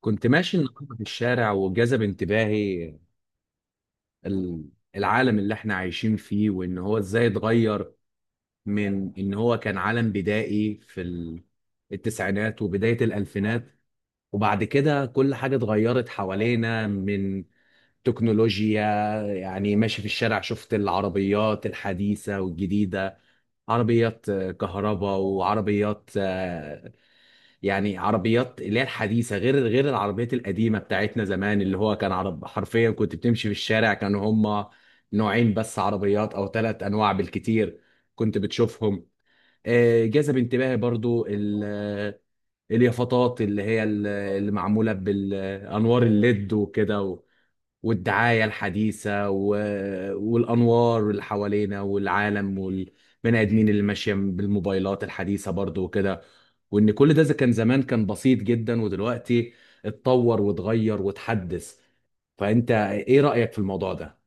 كنت ماشي النهارده في الشارع وجذب انتباهي ال- العالم اللي احنا عايشين فيه وان هو ازاي اتغير، من ان هو كان عالم بدائي في التسعينات وبداية الالفينات. وبعد كده كل حاجة اتغيرت حوالينا من تكنولوجيا. يعني ماشي في الشارع شفت العربيات الحديثة والجديدة، عربيات كهرباء، وعربيات يعني عربيات اللي هي الحديثه غير العربيات القديمه بتاعتنا زمان، اللي هو كان عرب حرفيا. كنت بتمشي في الشارع كانوا هما نوعين بس عربيات او ثلاث انواع بالكتير كنت بتشوفهم. جذب انتباهي برضو اليافطات اللي هي اللي معموله بالانوار الليد وكده، والدعاية الحديثة والأنوار اللي حوالينا، والعالم والبني آدمين اللي ماشية بالموبايلات الحديثة برضو وكده. وإن كل ده إذا كان زمان كان بسيط جدا، ودلوقتي اتطور واتغير واتحدث. فأنت إيه رأيك في الموضوع ده؟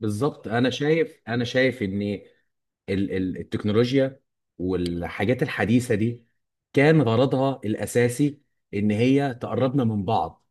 بالظبط. أنا شايف إن التكنولوجيا والحاجات الحديثة دي كان غرضها الأساسي إن هي تقربنا من بعض.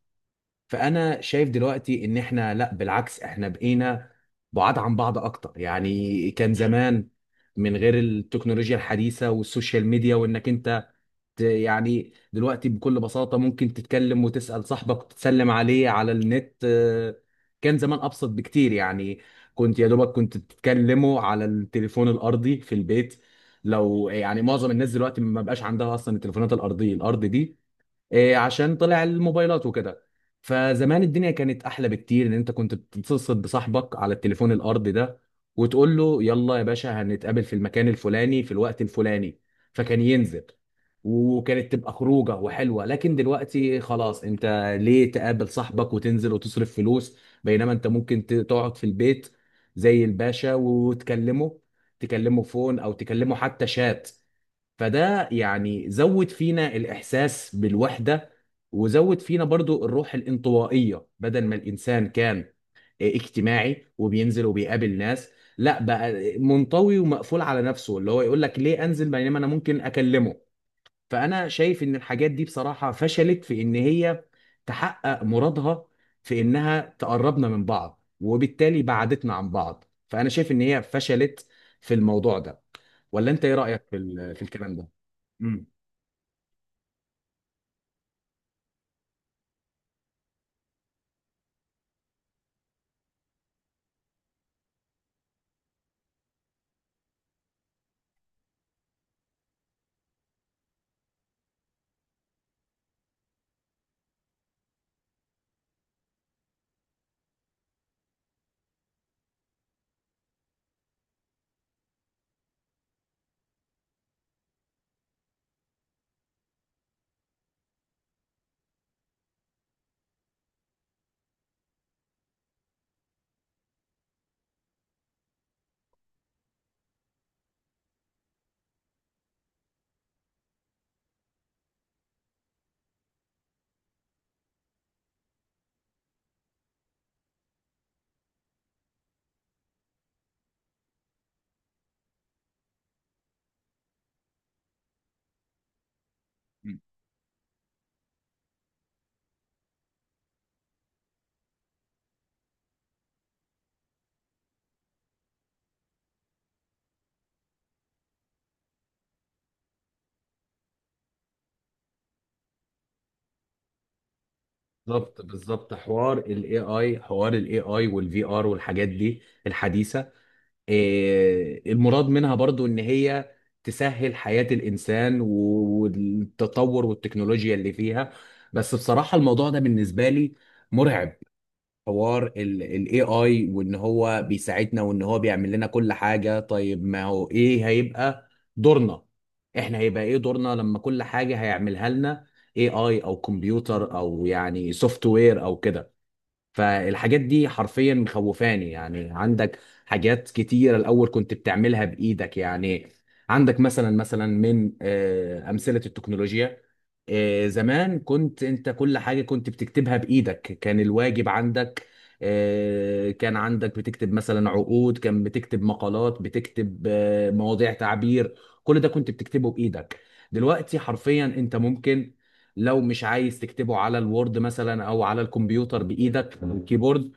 فانا شايف دلوقتي ان احنا لا، بالعكس، احنا بقينا بعاد عن بعض اكتر. يعني كان زمان من غير التكنولوجيا الحديثه والسوشيال ميديا، وانك انت يعني دلوقتي بكل بساطه ممكن تتكلم وتسال صاحبك وتسلم عليه على النت. كان زمان ابسط بكتير. يعني كنت يا دوبك كنت بتتكلموا على التليفون الارضي في البيت. لو يعني معظم الناس دلوقتي ما بقاش عندها اصلا التليفونات الارضيه الارض دي، إيه، عشان طلع الموبايلات وكده. فزمان الدنيا كانت احلى بكتير، ان انت كنت بتتصل بصاحبك على التليفون الارضي ده وتقول له يلا يا باشا هنتقابل في المكان الفلاني في الوقت الفلاني، فكان ينزل، وكانت تبقى خروجه وحلوه. لكن دلوقتي خلاص، انت ليه تقابل صاحبك وتنزل وتصرف فلوس، بينما انت ممكن تقعد في البيت زي الباشا وتكلمه، تكلمه فون او تكلمه حتى شات. فده يعني زود فينا الإحساس بالوحدة، وزود فينا برضو الروح الانطوائية، بدل ما الإنسان كان اجتماعي وبينزل وبيقابل ناس، لا بقى منطوي ومقفول على نفسه، اللي هو يقول لك ليه أنزل بينما أنا ممكن أكلمه. فأنا شايف إن الحاجات دي بصراحة فشلت في إن هي تحقق مرادها، في إنها تقربنا من بعض، وبالتالي بعدتنا عن بعض. فأنا شايف إن هي فشلت في الموضوع ده. ولا أنت إيه رأيك في في الكلام ده؟ بالظبط بالظبط. حوار الاي اي والفي ار والحاجات دي الحديثه، إيه المراد منها برضو؟ ان هي تسهل حياه الانسان والتطور والتكنولوجيا اللي فيها. بس بصراحه الموضوع ده بالنسبه لي مرعب. حوار الاي اي وان هو بيساعدنا وان هو بيعمل لنا كل حاجه، طيب ما هو ايه هيبقى دورنا؟ احنا هيبقى ايه دورنا لما كل حاجه هيعملها لنا اي اي او كمبيوتر او يعني سوفت وير او كده؟ فالحاجات دي حرفيا مخوفاني. يعني عندك حاجات كتيرة الأول كنت بتعملها بإيدك. يعني عندك مثلا من أمثلة التكنولوجيا، زمان كنت أنت كل حاجة كنت بتكتبها بإيدك. كان الواجب عندك، كان عندك بتكتب مثلا عقود، كان بتكتب مقالات، بتكتب مواضيع تعبير، كل ده كنت بتكتبه بإيدك. دلوقتي حرفيا أنت ممكن، لو مش عايز تكتبه على الوورد مثلا او على الكمبيوتر بايدك او الكيبورد،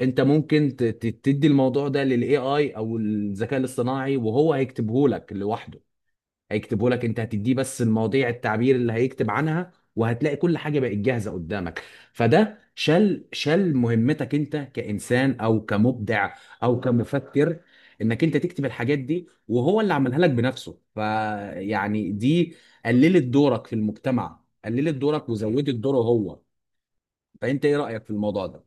انت ممكن تدي الموضوع ده للاي اي او الذكاء الاصطناعي، وهو هيكتبه لك لوحده. هيكتبه لك، انت هتديه بس المواضيع التعبير اللي هيكتب عنها، وهتلاقي كل حاجه بقت جاهزه قدامك. فده شال مهمتك انت كانسان او كمبدع او كمفكر، انك انت تكتب الحاجات دي، وهو اللي عملها لك بنفسه. فيعني دي قللت دورك في المجتمع، قللت دورك وزودت دوره هو. فانت ايه رايك في الموضوع ده؟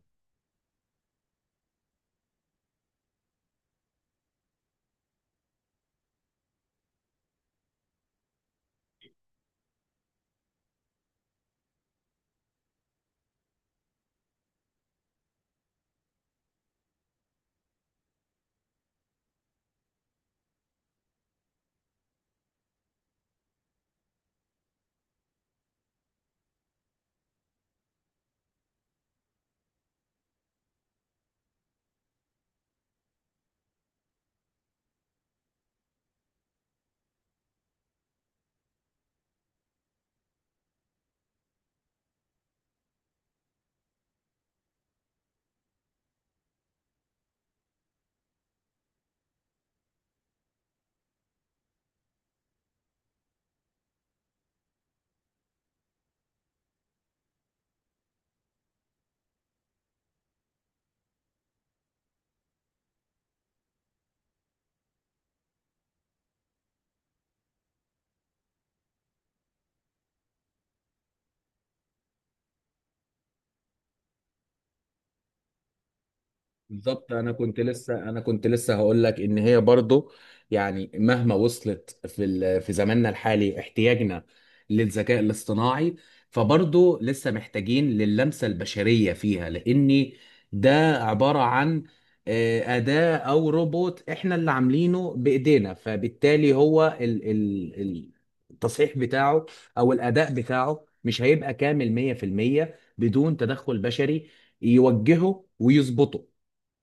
بالظبط. انا كنت لسه هقول لك ان هي برضو، يعني مهما وصلت في في زماننا الحالي احتياجنا للذكاء الاصطناعي، فبرضو لسه محتاجين للمسة البشرية فيها. لان ده عبارة عن أداة او روبوت احنا اللي عاملينه بايدينا، فبالتالي هو التصحيح بتاعه او الاداء بتاعه مش هيبقى كامل 100% بدون تدخل بشري يوجهه ويظبطه.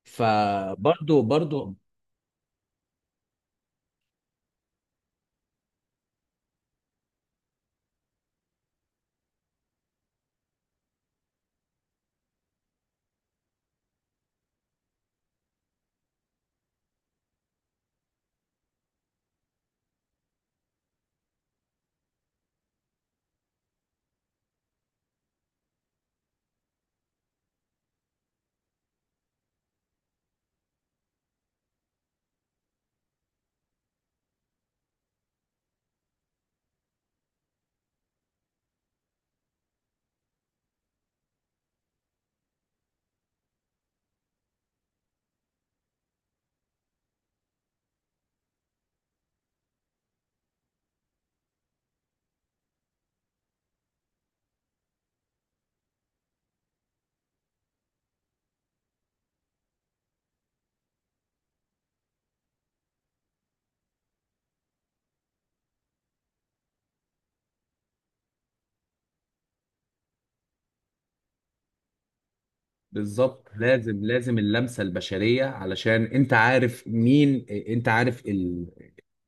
فبرضه برضه، بالظبط. لازم لازم اللمسة البشرية، علشان انت عارف مين، انت عارف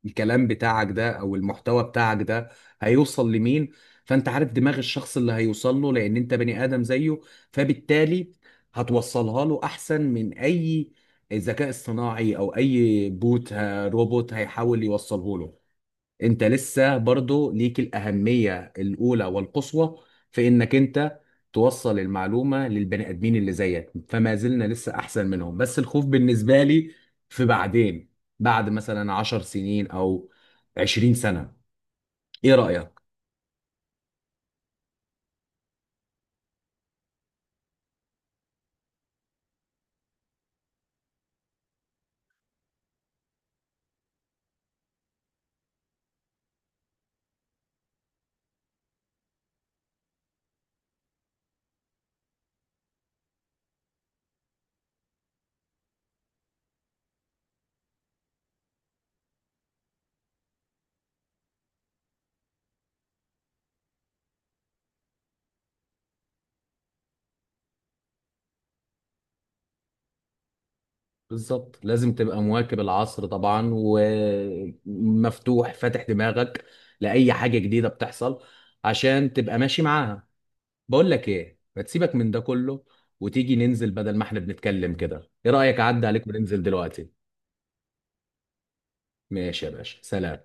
الكلام بتاعك ده او المحتوى بتاعك ده هيوصل لمين. فانت عارف دماغ الشخص اللي هيوصل له، لان انت بني ادم زيه، فبالتالي هتوصلها له احسن من اي ذكاء اصطناعي او اي بوت روبوت هيحاول يوصله له. انت لسه برضو ليك الأهمية الأولى والقصوى في انك انت توصل المعلومة للبني آدمين اللي زيك. فما زلنا لسه أحسن منهم، بس الخوف بالنسبة لي في بعدين، بعد مثلا 10 سنين أو 20 سنة. إيه رأيك؟ بالظبط. لازم تبقى مواكب العصر طبعا، ومفتوح فاتح دماغك لأي حاجة جديدة بتحصل، عشان تبقى ماشي معاها. بقول لك ايه، ما تسيبك من ده كله وتيجي ننزل، بدل ما احنا بنتكلم كده، ايه رأيك اعدي عليك وننزل دلوقتي؟ ماشي يا باشا، سلام.